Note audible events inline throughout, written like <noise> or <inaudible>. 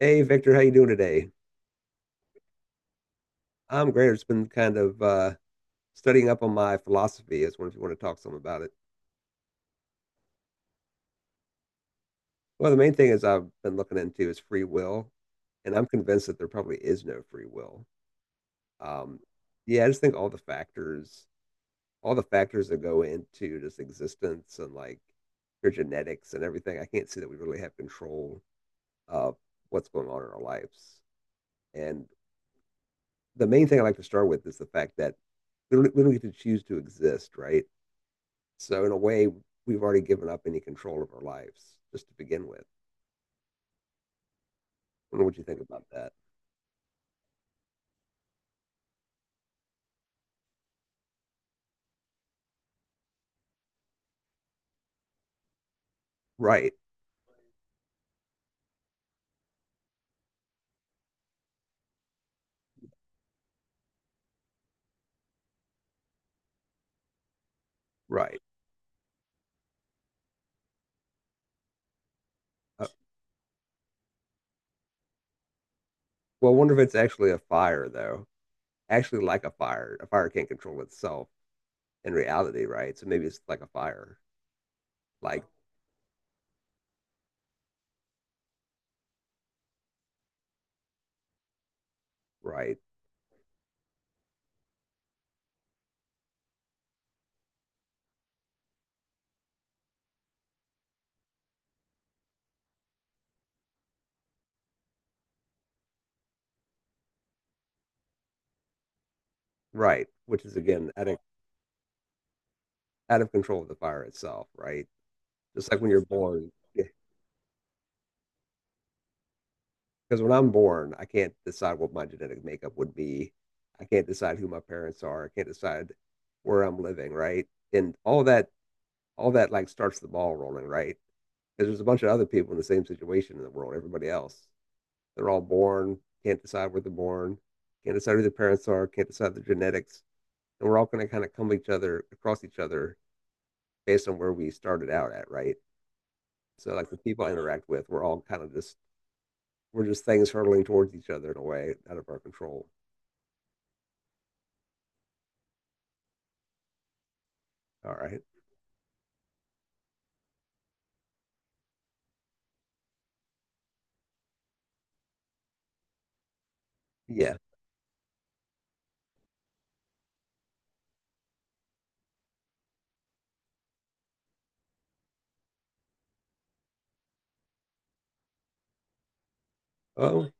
Hey Victor, how you doing today? I'm great. I've just been kind of studying up on my philosophy. As was if you want to talk some about it. Well, the main thing is I've been looking into is free will, and I'm convinced that there probably is no free will. Um, yeah, I just think all the factors that go into just existence and like your genetics and everything, I can't see that we really have control of what's going on in our lives. And the main thing I like to start with is the fact that we don't get to choose to exist, right? So in a way, we've already given up any control of our lives just to begin with. I wonder what you think about that. Right, right. Uh, well, I wonder if it's actually a fire though. Actually, like a fire can't control itself in reality, right? So maybe it's like a fire, like right, right, which is again out of control of the fire itself, right? Just like when you're born, because when I'm born, I can't decide what my genetic makeup would be. I can't decide who my parents are. I can't decide where I'm living, right? And all that like starts the ball rolling, right? Because there's a bunch of other people in the same situation in the world. Everybody else, they're all born, can't decide where they're born, can't decide who their parents are, can't decide their genetics, and we're all going to kind of come each other across each other based on where we started out at, right? So like the people I interact with, we're all kind of just we're just things hurtling towards each other in a way out of our control. All right, yeah. Oh,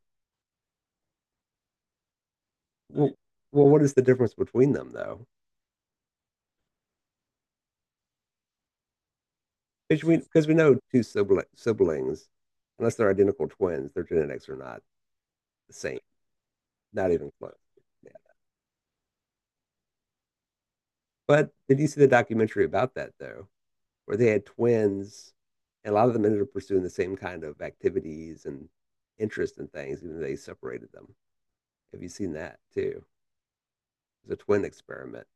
well, well, what is the difference between them though? Because we know two siblings, unless they're identical twins, their genetics are not the same, not even close. Yeah. But did you see the documentary about that though, where they had twins, and a lot of them ended up pursuing the same kind of activities and interest in things, even though they separated them. Have you seen that too? It's a twin experiment.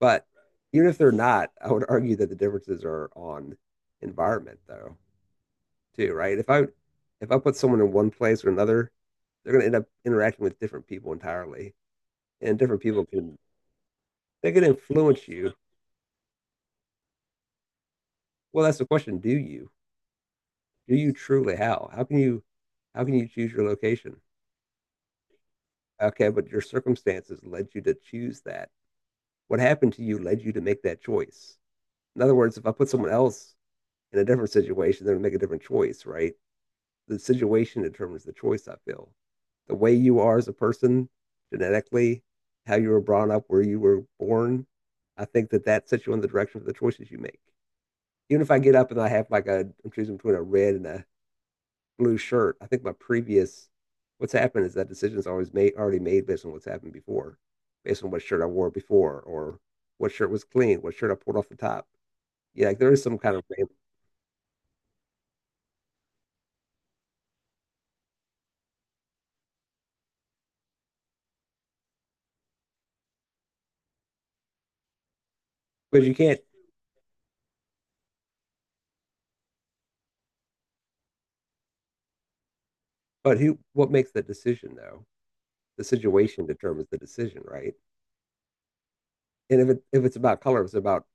But even if they're not, I would argue that the differences are on environment though. Too, right? If I put someone in one place or another, they're going to end up interacting with different people entirely, and different people can they can influence you. Well, that's the question. Do you? Do you truly? How? How can you? How can you choose your location? Okay, but your circumstances led you to choose that. What happened to you led you to make that choice. In other words, if I put someone else in a different situation, they're going to make a different choice, right? The situation determines the choice, I feel. The way you are as a person genetically, how you were brought up, where you were born, I think that that sets you in the direction of the choices you make. Even if I get up and I have like a, I'm choosing between a red and a blue shirt, I think my previous, what's happened is that decision's already made based on what's happened before, based on what shirt I wore before, or what shirt was clean, what shirt I pulled off the top. Yeah, like there is some kind of, because you can't, but who, what makes the decision though? The situation determines the decision, right? And if it's about color, if it's about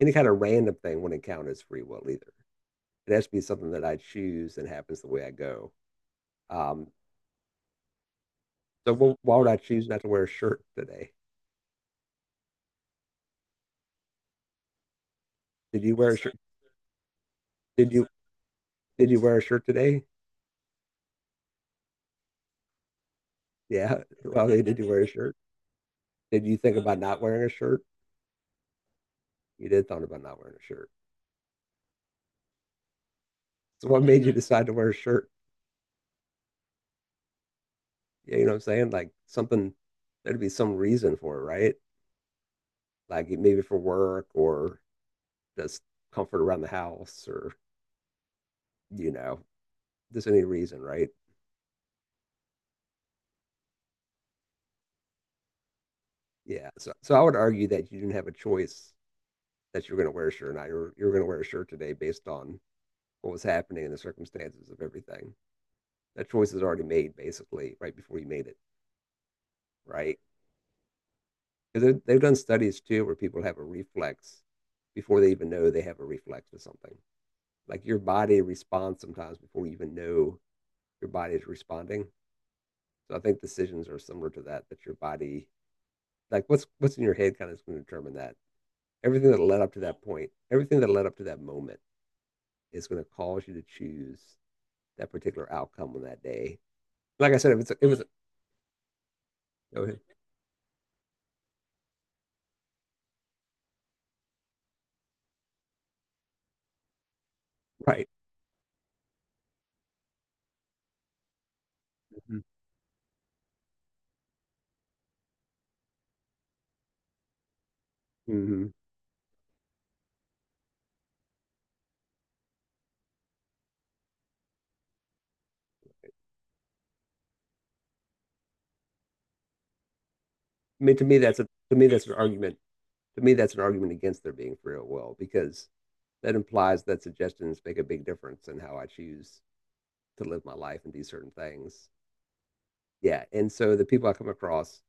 any kind of random thing wouldn't count as free will either. It has to be something that I choose and happens the way I go. Um, so why would I choose not to wear a shirt today? Did you wear a shirt? Did you did you wear a shirt today? Yeah. <laughs> Well, hey, did you wear a shirt? Did you think about not wearing a shirt? You did thought about not wearing a shirt. So what made you decide to wear a shirt? Yeah, you know what I'm saying? Like something there'd be some reason for it, right? Like maybe for work or does comfort around the house or, you know, there's any reason, right? Yeah. So I would argue that you didn't have a choice that you're going to wear a shirt or not. You're going to wear a shirt today based on what was happening and the circumstances of everything. That choice is already made basically right before you made it, right? Because they've done studies too where people have a reflex before they even know they have a reflex to something. Like your body responds sometimes before you even know your body is responding. So I think decisions are similar to that, that your body like what's in your head kind of is going to determine that everything that led up to that point everything that led up to that moment is going to cause you to choose that particular outcome on that day like I said if it's a, it was a, go ahead. Right, mm-hmm. Mm-hmm. I mean to me that's a to me that's an argument To me that's an argument against there being free will because that implies that suggestions make a big difference in how I choose to live my life and do certain things. Yeah, and so the people I come across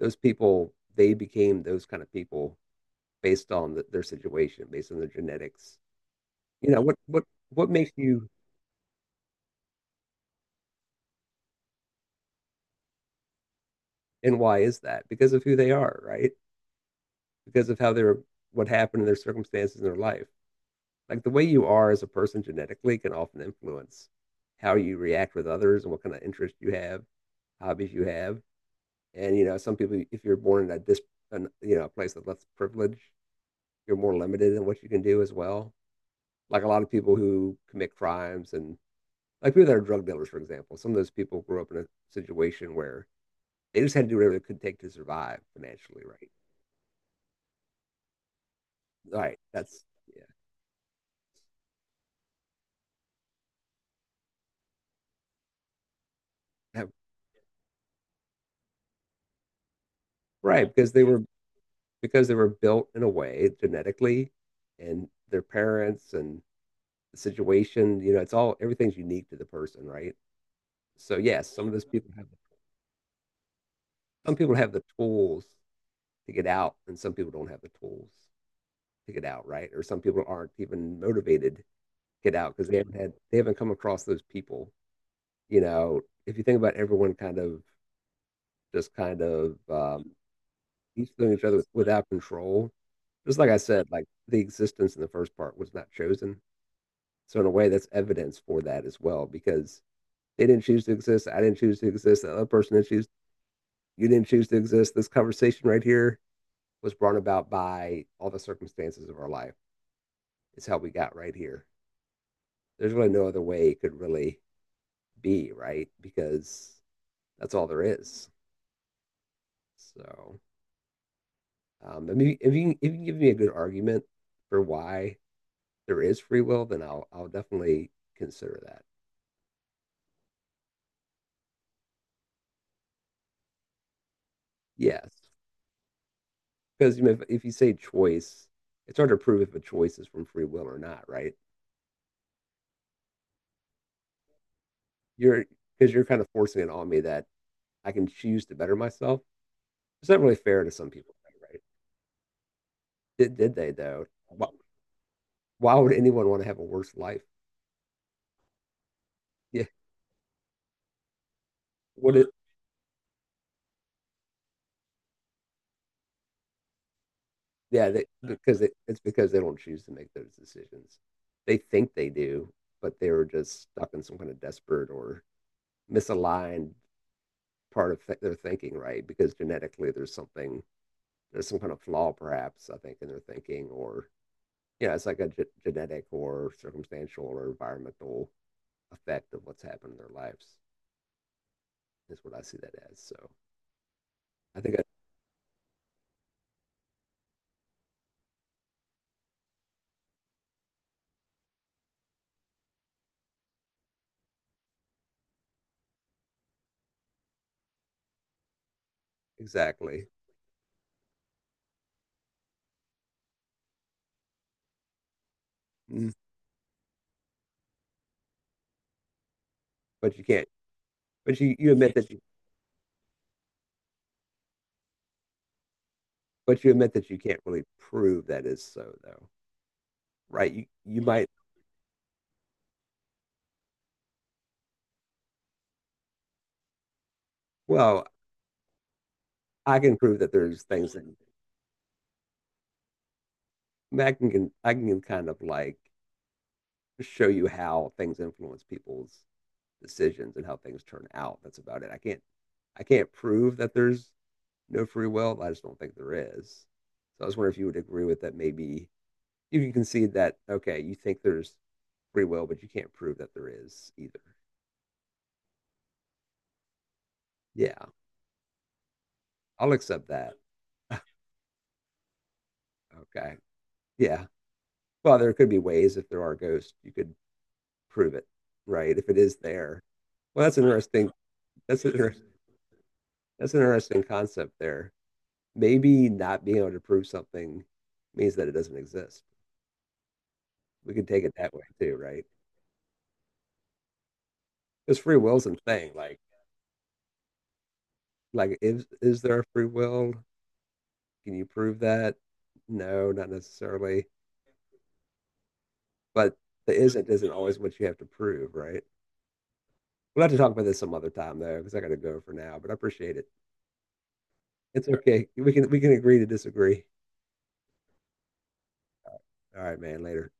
those people they became those kind of people based on the, their situation, based on their genetics. You know, what makes you and why is that? Because of who they are, right? Because of how they're what happened in their circumstances in their life. Like the way you are as a person genetically can often influence how you react with others and what kind of interest you have, hobbies you have. And you know, some people, if you're born in a dis, an, you know, a place of less privilege, you're more limited in what you can do as well. Like a lot of people who commit crimes and like people that are drug dealers, for example, some of those people grew up in a situation where they just had to do whatever they could take to survive financially, right? Right. That's yeah, right because they were built in a way genetically, and their parents and the situation. You know, it's all everything's unique to the person, right? So yes, some of those people have some people have the tools to get out, and some people don't have the tools to get out, right? Or some people aren't even motivated to get out because they haven't had they haven't come across those people. You know, if you think about everyone kind of just kind of each doing each other without control, just like I said, like the existence in the first part was not chosen. So in a way, that's evidence for that as well, because they didn't choose to exist. I didn't choose to exist. The other person didn't choose. You didn't choose to exist. This conversation right here was brought about by all the circumstances of our life. It's how we got right here. There's really no other way it could really be, right? Because that's all there is. So. I mean, if you can give me a good argument for why there is free will, then I'll definitely consider that. Yes, because you know, if you say choice, it's hard to prove if a choice is from free will or not, right? You're because you're kind of forcing it on me that I can choose to better myself. It's not really fair to some people, right? Did they though? Why would anyone want to have a worse life? Yeah. What is Yeah, they, because it's because they don't choose to make those decisions. They think they do, but they were just stuck in some kind of desperate or misaligned part of their thinking, right? Because genetically, there's something, there's some kind of flaw, perhaps I think, in their thinking, or yeah, it's like a genetic or circumstantial or environmental effect of what's happened in their lives. Is what I see that as. So I think I, exactly, Mm. but you can't, but you admit that you, but you admit that you can't really prove that is so, though. Right? You might, well, I can prove that there's things that I, can, I can kind of like show you how things influence people's decisions and how things turn out. That's about it. I can't prove that there's no free will. I just don't think there is. So I was wondering if you would agree with that. Maybe you can concede that, okay, you think there's free will, but you can't prove that there is either. Yeah, I'll accept that. Okay. Yeah. Well, there could be ways if there are ghosts, you could prove it, right? If it is there. Well, that's interesting. That's an interesting. That's an interesting concept there. Maybe not being able to prove something means that it doesn't exist. We can take it that way too, right? Because free will's a thing. Like is there a free will? Can you prove that? No, not necessarily. But the isn't always what you have to prove, right? We'll have to talk about this some other time though, because I got to go for now. But I appreciate it. It's okay. We can agree to disagree. All right, man. Later.